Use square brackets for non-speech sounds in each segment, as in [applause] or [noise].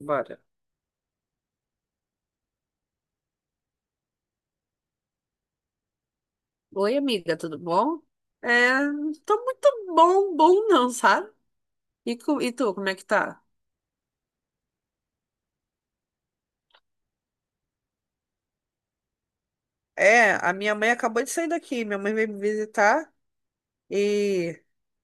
Bora. Oi, amiga, tudo bom? É, tô muito bom, bom não, sabe? E tu, como é que tá? É, a minha mãe acabou de sair daqui. Minha mãe veio me visitar e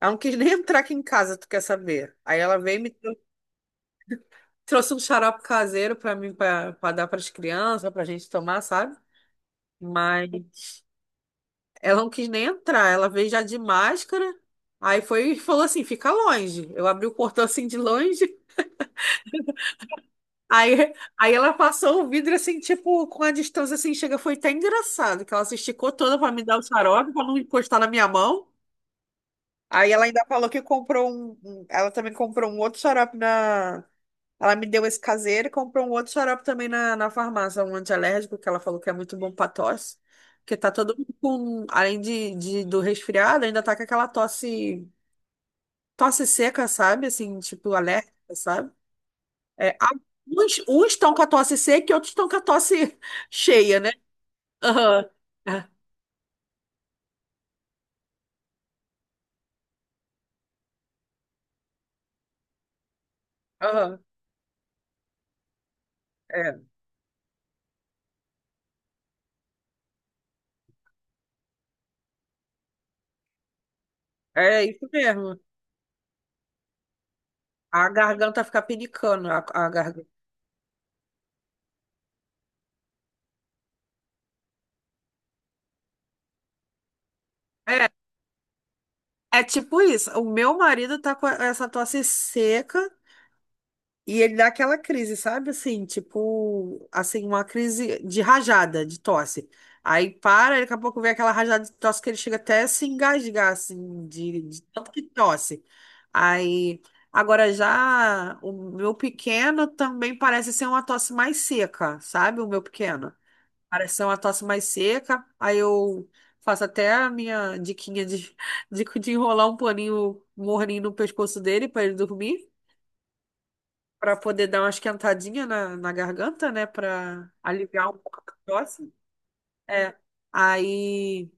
ela não quis nem [laughs] entrar aqui em casa, tu quer saber? Aí ela veio e me trouxe um xarope caseiro pra mim, pra dar pras crianças, pra gente tomar, sabe? Mas ela não quis nem entrar. Ela veio já de máscara. Aí foi e falou assim: fica longe. Eu abri o portão assim de longe. Aí, aí ela passou o vidro assim, tipo, com a distância assim, chega, foi até engraçado, que ela se esticou toda para me dar o xarope, para não encostar na minha mão. Aí ela ainda falou que comprou ela também comprou um outro xarope ela me deu esse caseiro e comprou um outro xarope também na, na farmácia, um alérgico que ela falou que é muito bom para tosse, porque tá todo mundo com, além do resfriado, ainda tá com aquela tosse, tosse seca, sabe? Assim, tipo, alérgica, sabe? É, uns estão com a tosse seca e outros estão com a tosse [laughs] cheia, né? Aham. É. Aham. É isso mesmo. A garganta fica pinicando, a garganta. É, é tipo isso. O meu marido tá com essa tosse seca. E ele dá aquela crise, sabe? Assim, tipo, assim, uma crise de rajada, de tosse. Aí para, daqui a pouco vem aquela rajada de tosse que ele chega até a se engasgar, assim, de tanto que tosse. Aí, agora já o meu pequeno também parece ser uma tosse mais seca, sabe? O meu pequeno. Parece ser uma tosse mais seca. Aí eu faço até a minha diquinha [laughs] de enrolar um paninho morninho no pescoço dele para ele dormir. Pra poder dar uma esquentadinha na garganta, né? Pra aliviar um pouco a tosse. É. Aí,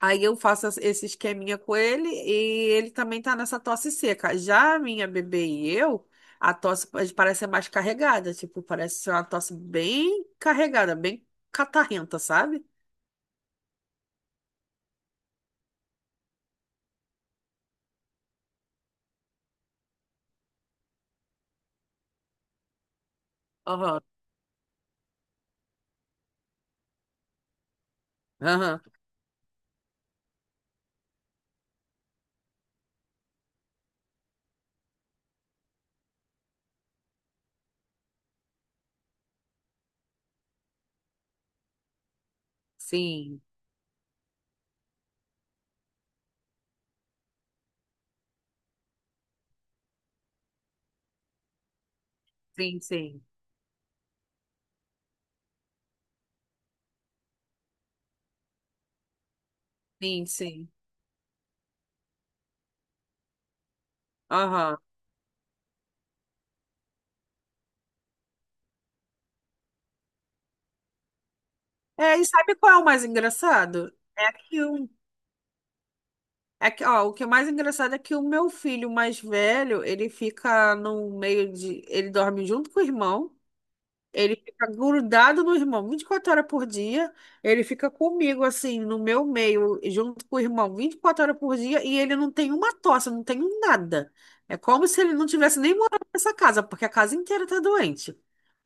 aí eu faço esse esqueminha com ele e ele também tá nessa tosse seca. Já a minha bebê e eu, a tosse parece ser mais carregada. Tipo, parece ser uma tosse bem carregada, bem catarrenta, sabe? Aham. Aham. Sim, sim, sim. Sim, sim. Aham. É, e sabe qual é o mais engraçado? É que um É que, ó, o que é mais engraçado é que o meu filho mais velho, ele fica no meio de. Ele dorme junto com o irmão, ele fica grudado no irmão 24 horas por dia, ele fica comigo, assim, no meu meio, junto com o irmão 24 horas por dia, e ele não tem uma tosse, não tem um nada. É como se ele não tivesse nem morado nessa casa, porque a casa inteira tá doente.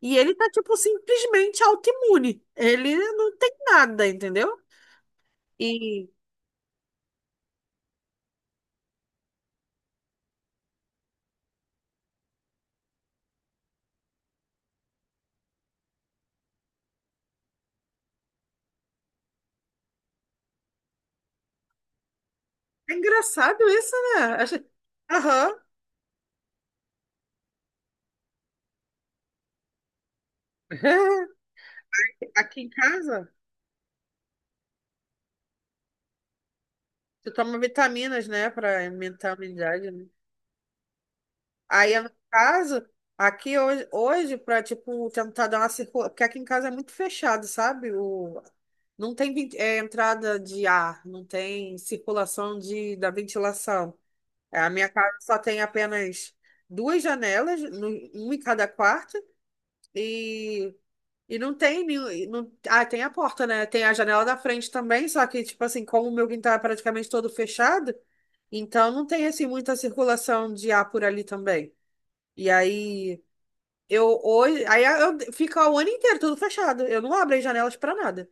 E ele tá, tipo, simplesmente autoimune. Ele não tem nada, entendeu? E é engraçado isso, né? Aham. [laughs] Aqui em casa, tu toma vitaminas, né, pra aumentar a imunidade, né? Aí, no caso, aqui hoje pra, tipo, tentar dar uma circulação, porque aqui em casa é muito fechado, sabe? Não tem entrada de ar, não tem circulação da ventilação. É, a minha casa só tem apenas duas janelas, uma em cada quarto, e e não tem nenhum. Não, ah, tem a porta, né? Tem a janela da frente também, só que, tipo assim, como o meu quintal é praticamente todo fechado, então não tem, assim, muita circulação de ar por ali também. E aí, eu hoje. Aí eu, fica o ano inteiro tudo fechado. Eu não abro as janelas pra nada.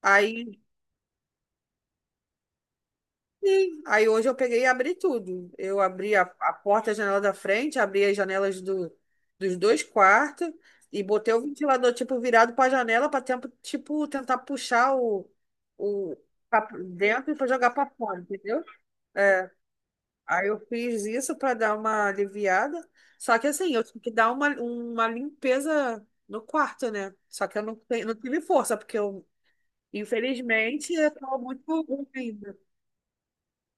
Aí. Sim. Aí hoje eu peguei e abri tudo. Eu abri a porta, a janela da frente, abri as janelas dos dois quartos e botei o ventilador, tipo, virado para a janela para tempo, tipo, tentar puxar o pra dentro para jogar para fora, entendeu? É. Aí eu fiz isso para dar uma aliviada. Só que assim, eu tive que dar uma limpeza no quarto, né? Só que eu não tive força, porque eu, infelizmente, eu estou muito ruim.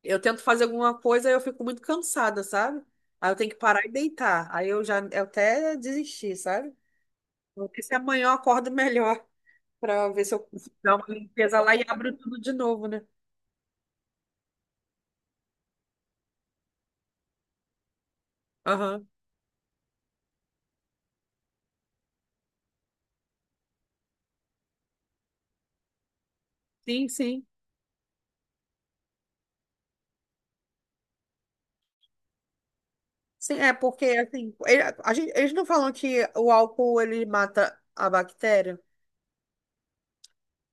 Eu tento fazer alguma coisa e eu fico muito cansada, sabe? Aí eu tenho que parar e deitar. Aí eu até desisti, sabe? Vou ver se amanhã eu acordo [laughs] melhor pra ver se eu consigo dar uma limpeza lá e abro tudo de novo, né? Aham. Sim, sim. Sim, é porque assim, a gente, eles não falam que o álcool ele mata a bactéria?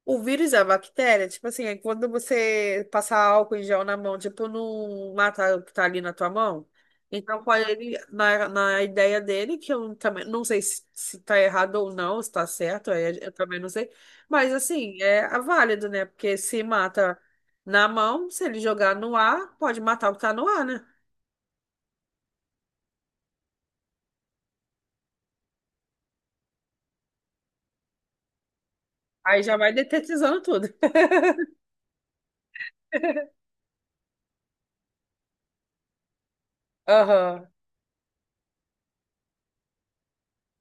O vírus e a bactéria, tipo assim, é quando você passar álcool em gel na mão, tipo, não mata o que tá ali na tua mão. Então, com ele, na ideia dele, que eu também não sei se tá errado ou não, se tá certo, aí eu também não sei. Mas, assim, é válido, né? Porque se mata na mão, se ele jogar no ar, pode matar o que tá no ar, né? Aí já vai detetizando tudo. [laughs] Aham.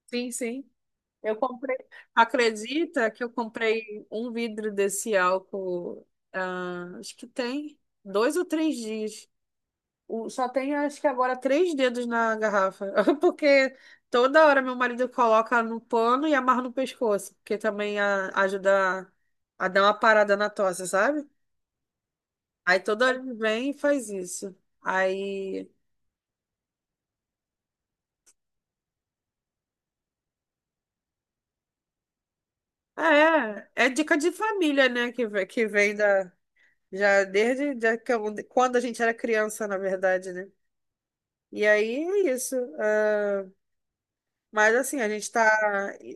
Sim, sim. Eu comprei. Acredita que eu comprei um vidro desse álcool, ah, acho que tem 2 ou 3 dias. Só tem, acho que agora, três dedos na garrafa. [laughs] Porque toda hora meu marido coloca no pano e amarra no pescoço. Porque também ajuda a dar uma parada na tosse, sabe? Aí toda hora ele vem e faz isso. Aí. É dica de família, né? Que vem da. Já desde já que quando a gente era criança, na verdade, né? E aí é isso. Ah, mas assim, a gente tá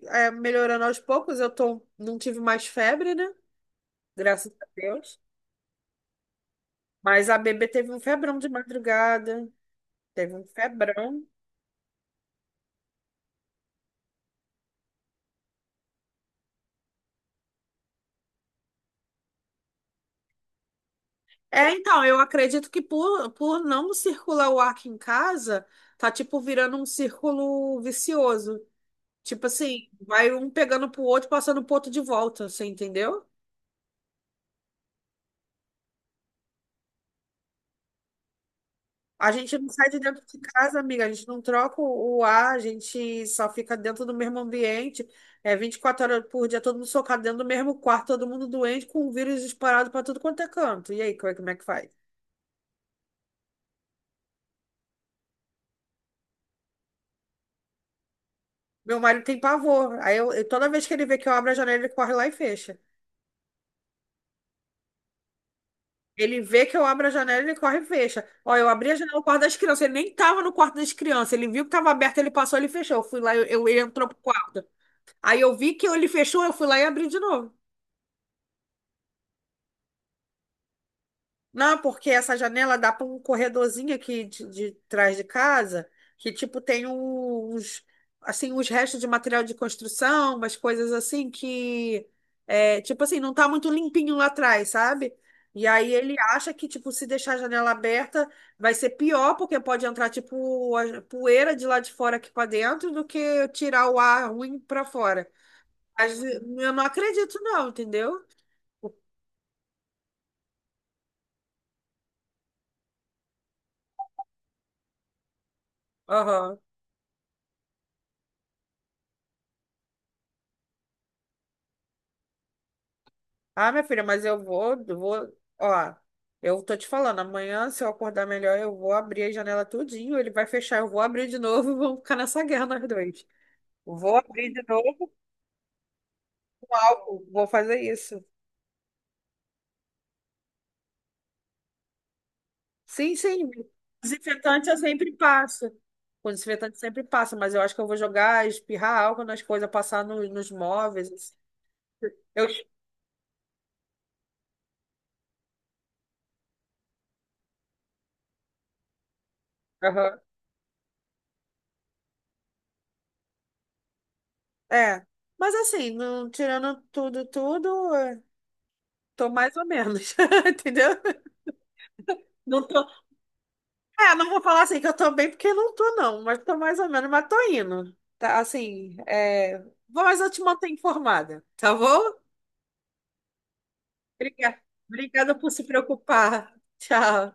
melhorando aos poucos. Eu tô, não tive mais febre, né? Graças a Deus. Mas a bebê teve um febrão de madrugada. Teve um febrão. É, então, eu acredito que por não circular o ar aqui em casa, tá tipo virando um círculo vicioso. Tipo assim, vai um pegando pro outro, passando pro outro de volta, você entendeu? A gente não sai de dentro de casa, amiga. A gente não troca o ar, a gente só fica dentro do mesmo ambiente. É 24 horas por dia, todo mundo socado dentro do mesmo quarto, todo mundo doente, com o vírus disparado para tudo quanto é canto. E aí, como é que faz? Meu marido tem pavor. Aí toda vez que ele vê que eu abro a janela, ele corre lá e fecha. Ele vê que eu abro a janela, ele corre e fecha. Ó, eu abri a janela no quarto das crianças. Ele nem tava no quarto das crianças. Ele viu que tava aberto, ele passou, ele fechou. Eu fui lá, ele entrou pro quarto. Aí eu vi que ele fechou, eu fui lá e abri de novo. Não, porque essa janela dá para um corredorzinho aqui de, trás de casa, que tipo tem uns assim uns restos de material de construção, umas coisas assim que é, tipo assim não tá muito limpinho lá atrás, sabe? E aí ele acha que tipo se deixar a janela aberta vai ser pior, porque pode entrar tipo a poeira de lá de fora aqui para dentro do que tirar o ar ruim para fora. Mas eu não acredito não, entendeu? Aham. Ah, minha filha, mas eu vou, ó, eu tô te falando, amanhã, se eu acordar melhor, eu vou abrir a janela tudinho, ele vai fechar, eu vou abrir de novo e [laughs] vamos ficar nessa guerra nós dois. Vou abrir de novo com álcool, vou fazer isso. Sim, sim, desinfetante eu sempre passo. O desinfetante sempre passa, mas eu acho que eu vou jogar, espirrar álcool nas coisas, passar nos móveis, assim. Eu. Aham. É, mas assim, não, tirando tudo, tudo, tô mais ou menos, [laughs] entendeu? Não tô. É, não vou falar assim que eu tô bem, porque não tô, não, mas tô mais ou menos, mas tô indo. Tá, assim, mas eu te manter informada, tá bom? Obrigada. Obrigada por se preocupar. [laughs] Tchau.